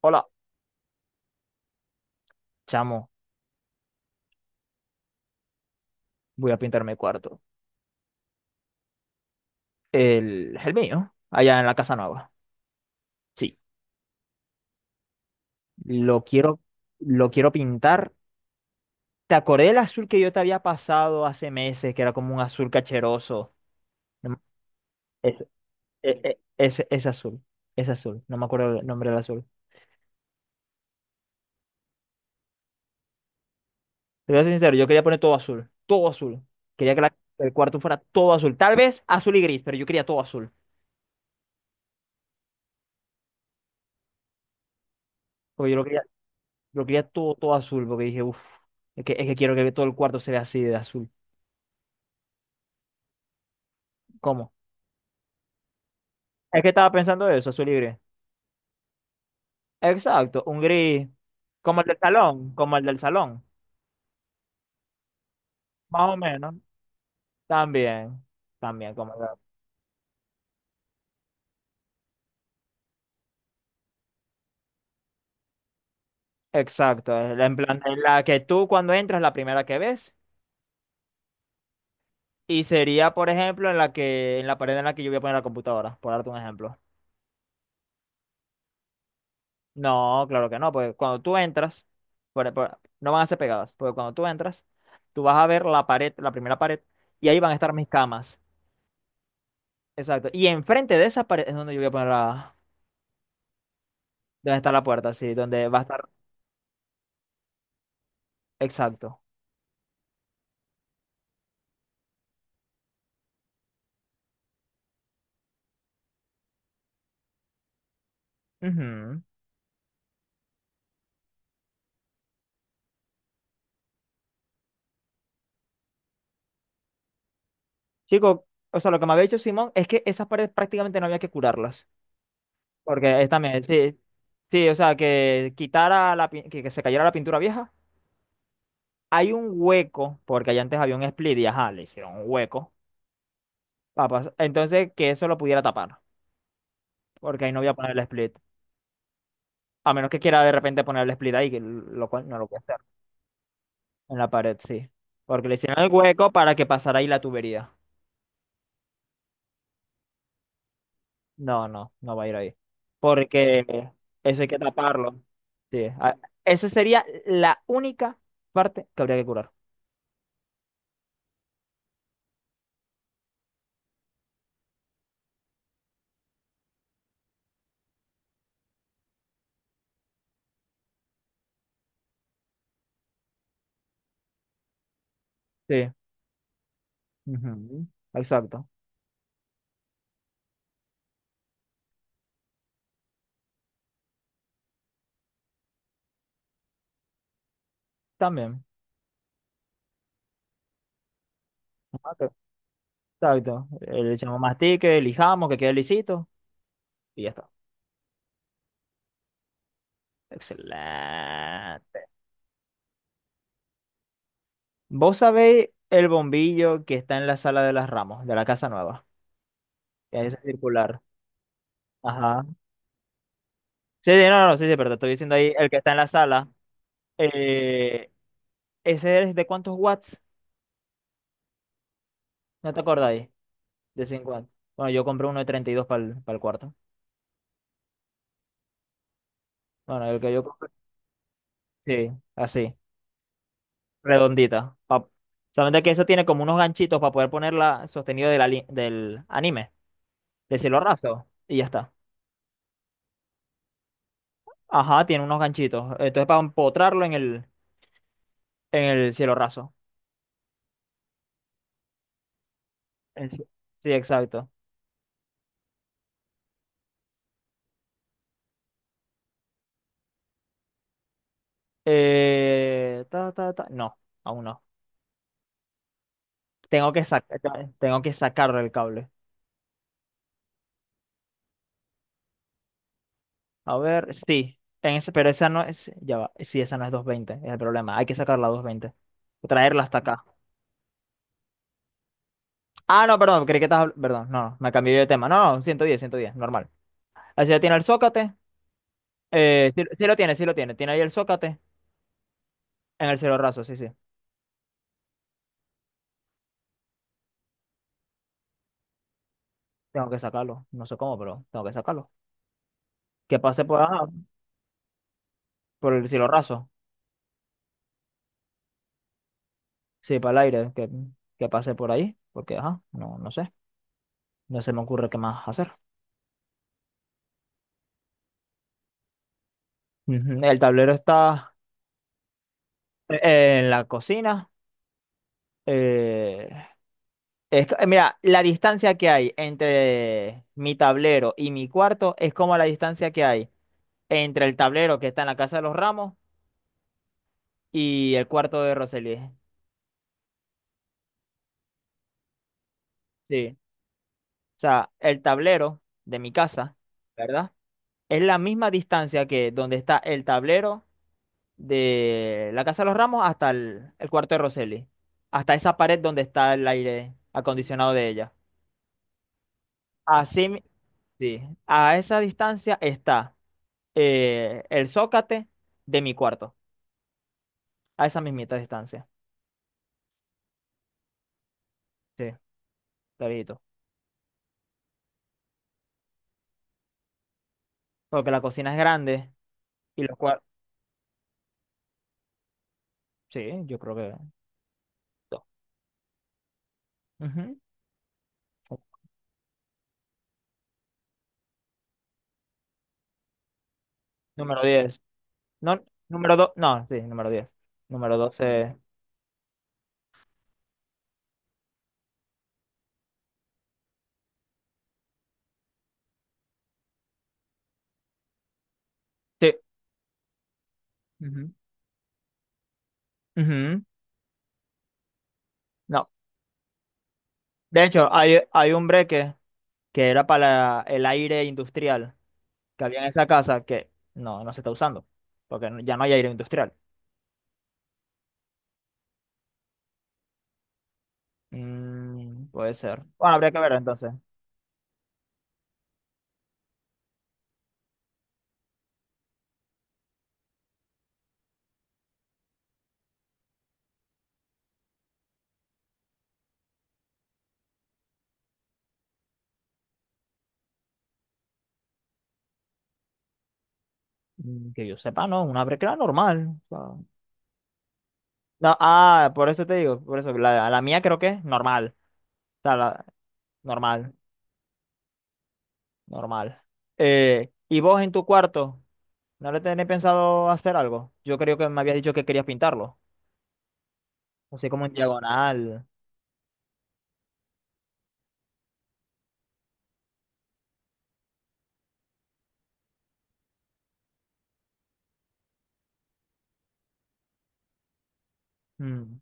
Hola, chamo, voy a pintar mi cuarto. El mío, allá en la casa nueva. Sí, lo quiero, lo quiero pintar. ¿Te acordé del azul que yo te había pasado hace meses, que era como un azul cacheroso? No me- Ese, e- e- ese, ese azul, no me acuerdo el nombre del azul. Te voy a ser sincero, yo quería poner todo azul, todo azul. Quería que el cuarto fuera todo azul, tal vez azul y gris, pero yo quería todo azul. Porque yo lo quería todo, todo azul, porque dije, uff, es que quiero que todo el cuarto se vea así de azul. ¿Cómo? Es que estaba pensando eso, su libre. Exacto, un gris. Como el del salón, como el del salón. Más o menos. También, también como Exacto, es en plan en la que tú cuando entras la primera que ves y sería, por ejemplo, en la que en la pared en la que yo voy a poner la computadora, por darte un ejemplo. No, claro que no, porque cuando tú entras, no van a ser pegadas, porque cuando tú entras, tú vas a ver la pared, la primera pared y ahí van a estar mis camas. Exacto, y enfrente de esa pared es donde yo voy a poner la dónde está la puerta, sí, donde va a estar. Exacto. Ujú. Chico, o sea, lo que me había dicho Simón es que esas paredes prácticamente no había que curarlas. Porque es también, sí, sí, o sea, que quitara que se cayera la pintura vieja. Hay un hueco, porque allá antes había un split y ajá, le hicieron un hueco. Papas. Entonces, que eso lo pudiera tapar. Porque ahí no voy a poner el split. A menos que quiera de repente poner el split ahí, que lo cual no lo puede hacer. En la pared, sí. Porque le hicieron el hueco para que pasara ahí la tubería. No, no, no va a ir ahí. Porque eso hay que taparlo. Sí. Esa sería la única parte que habría que curar. Sí. Ujú. Exacto. También. Ok. Exacto. Le echamos mastique, lijamos, que quede lisito y ya está. Excelente. Vos sabéis el bombillo que está en la sala de las Ramos, de la casa nueva. Que Es circular. Ajá. Sí, sí, no, no, no, sí, sí, pero te estoy diciendo ahí el que está en la sala. Eh, ¿Ese es de cuántos watts? ¿No te acordáis? De 50. Bueno, yo compré uno de 32 para el cuarto. Bueno, el que yo compré, sí, así, redondita. Solamente que eso tiene como unos ganchitos para poder ponerla sostenido de del anime, del cielo raso. Y ya está. Ajá, tiene unos ganchitos. Entonces para empotrarlo en el en el cielo raso. En ci- Sí, exacto. Ta, ta, ta. No, aún no. Tengo que sacarle el cable. A ver, sí, en ese, pero esa no es, ya va, sí, esa no es 220 es el problema, hay que sacarla a 220, o traerla hasta acá. Ah, no, perdón, creí que estabas habl- perdón, no, no, me cambié de tema, no, no, 110 110, normal. Así ya tiene el zócate, sí, sí lo tiene, tiene ahí el zócate en el cielo raso, sí, sí, tengo que sacarlo, no sé cómo, pero tengo que sacarlo. Que pase por, ajá, por el cielo raso, sí, para el aire, que pase por ahí, porque, ajá, no, no sé, no se me ocurre qué más hacer. Ujú. El tablero está en la cocina. Eh, mira, la distancia que hay entre mi tablero y mi cuarto es como la distancia que hay entre el tablero que está en la Casa de los Ramos y el cuarto de Roseli. Sí. O sea, el tablero de mi casa, ¿verdad? Es la misma distancia que donde está el tablero de la Casa de los Ramos hasta el cuarto de Roseli. Hasta esa pared donde está el aire acondicionado de ella. Así, mi- sí. A esa distancia está. El zócate de mi cuarto, a esa mismita distancia. Sí, clarito. Porque la cocina es grande y los cuartos. Sí, yo creo que dos. Ujú. Número diez. No, número dos. No, sí, número diez. Número doce. Sí. Ujú. Ujú. No. De hecho, hay un breque que era para el aire industrial que había en esa casa que no, no se está usando. Porque no- ya no hay aire industrial. Mm, puede ser. Bueno, habría que ver entonces. Mm. Que yo sepa, no, una brecla normal. O sea, no, ah, por eso te digo, por eso, la mía creo que es normal. O sea, normal, normal. ¿Y vos en tu cuarto? ¿No le tenés pensado hacer algo? Yo creo que me habías dicho que querías pintarlo. Así como en diagonal. Mm,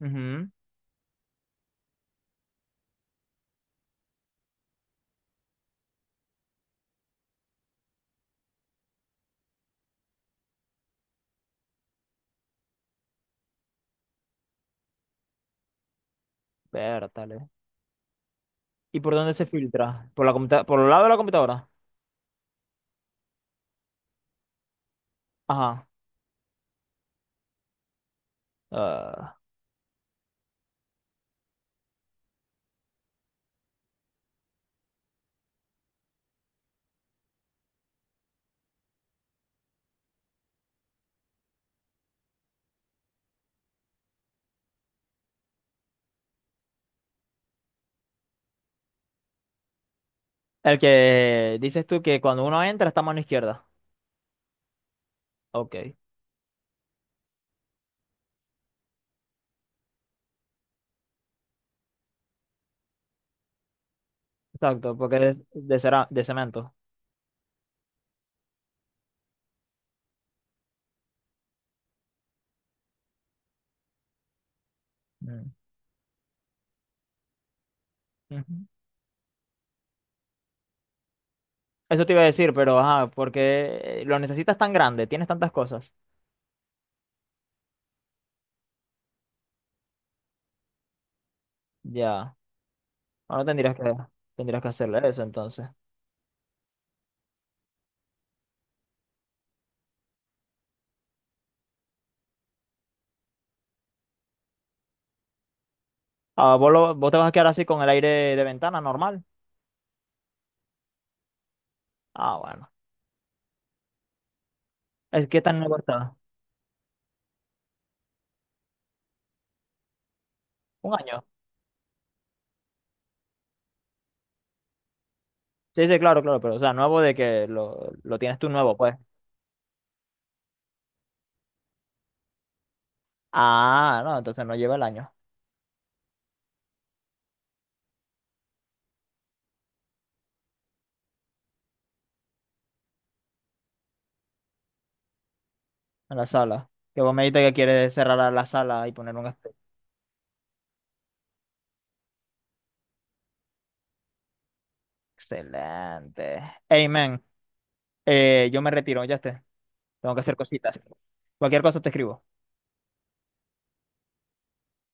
ujú, vértale. ¿Y por dónde se filtra? ¿Por el lado de la computadora? Ajá. Ah, el que dices tú que cuando uno entra está a mano izquierda. Ok. Exacto, porque es de cemento. Mm. Ujú. Eso te iba a decir, pero ajá, porque lo necesitas tan grande, tienes tantas cosas. Ya, bueno, tendrías que hacerle eso entonces. Ah, ¿vos te vas a quedar así con el aire de ventana normal? Ah, bueno. ¿Es que tan nuevo está? ¿Un año? Sí, sí, claro, claro, pero o sea, nuevo de que lo tienes tú nuevo, pues. Ah, no, entonces no lleva el año en la sala. Que vos me dijiste que quieres cerrar a la sala y poner un espe- Excelente. Amen. Yo me retiro, ya esté. Tengo que hacer cositas. Cualquier cosa te escribo.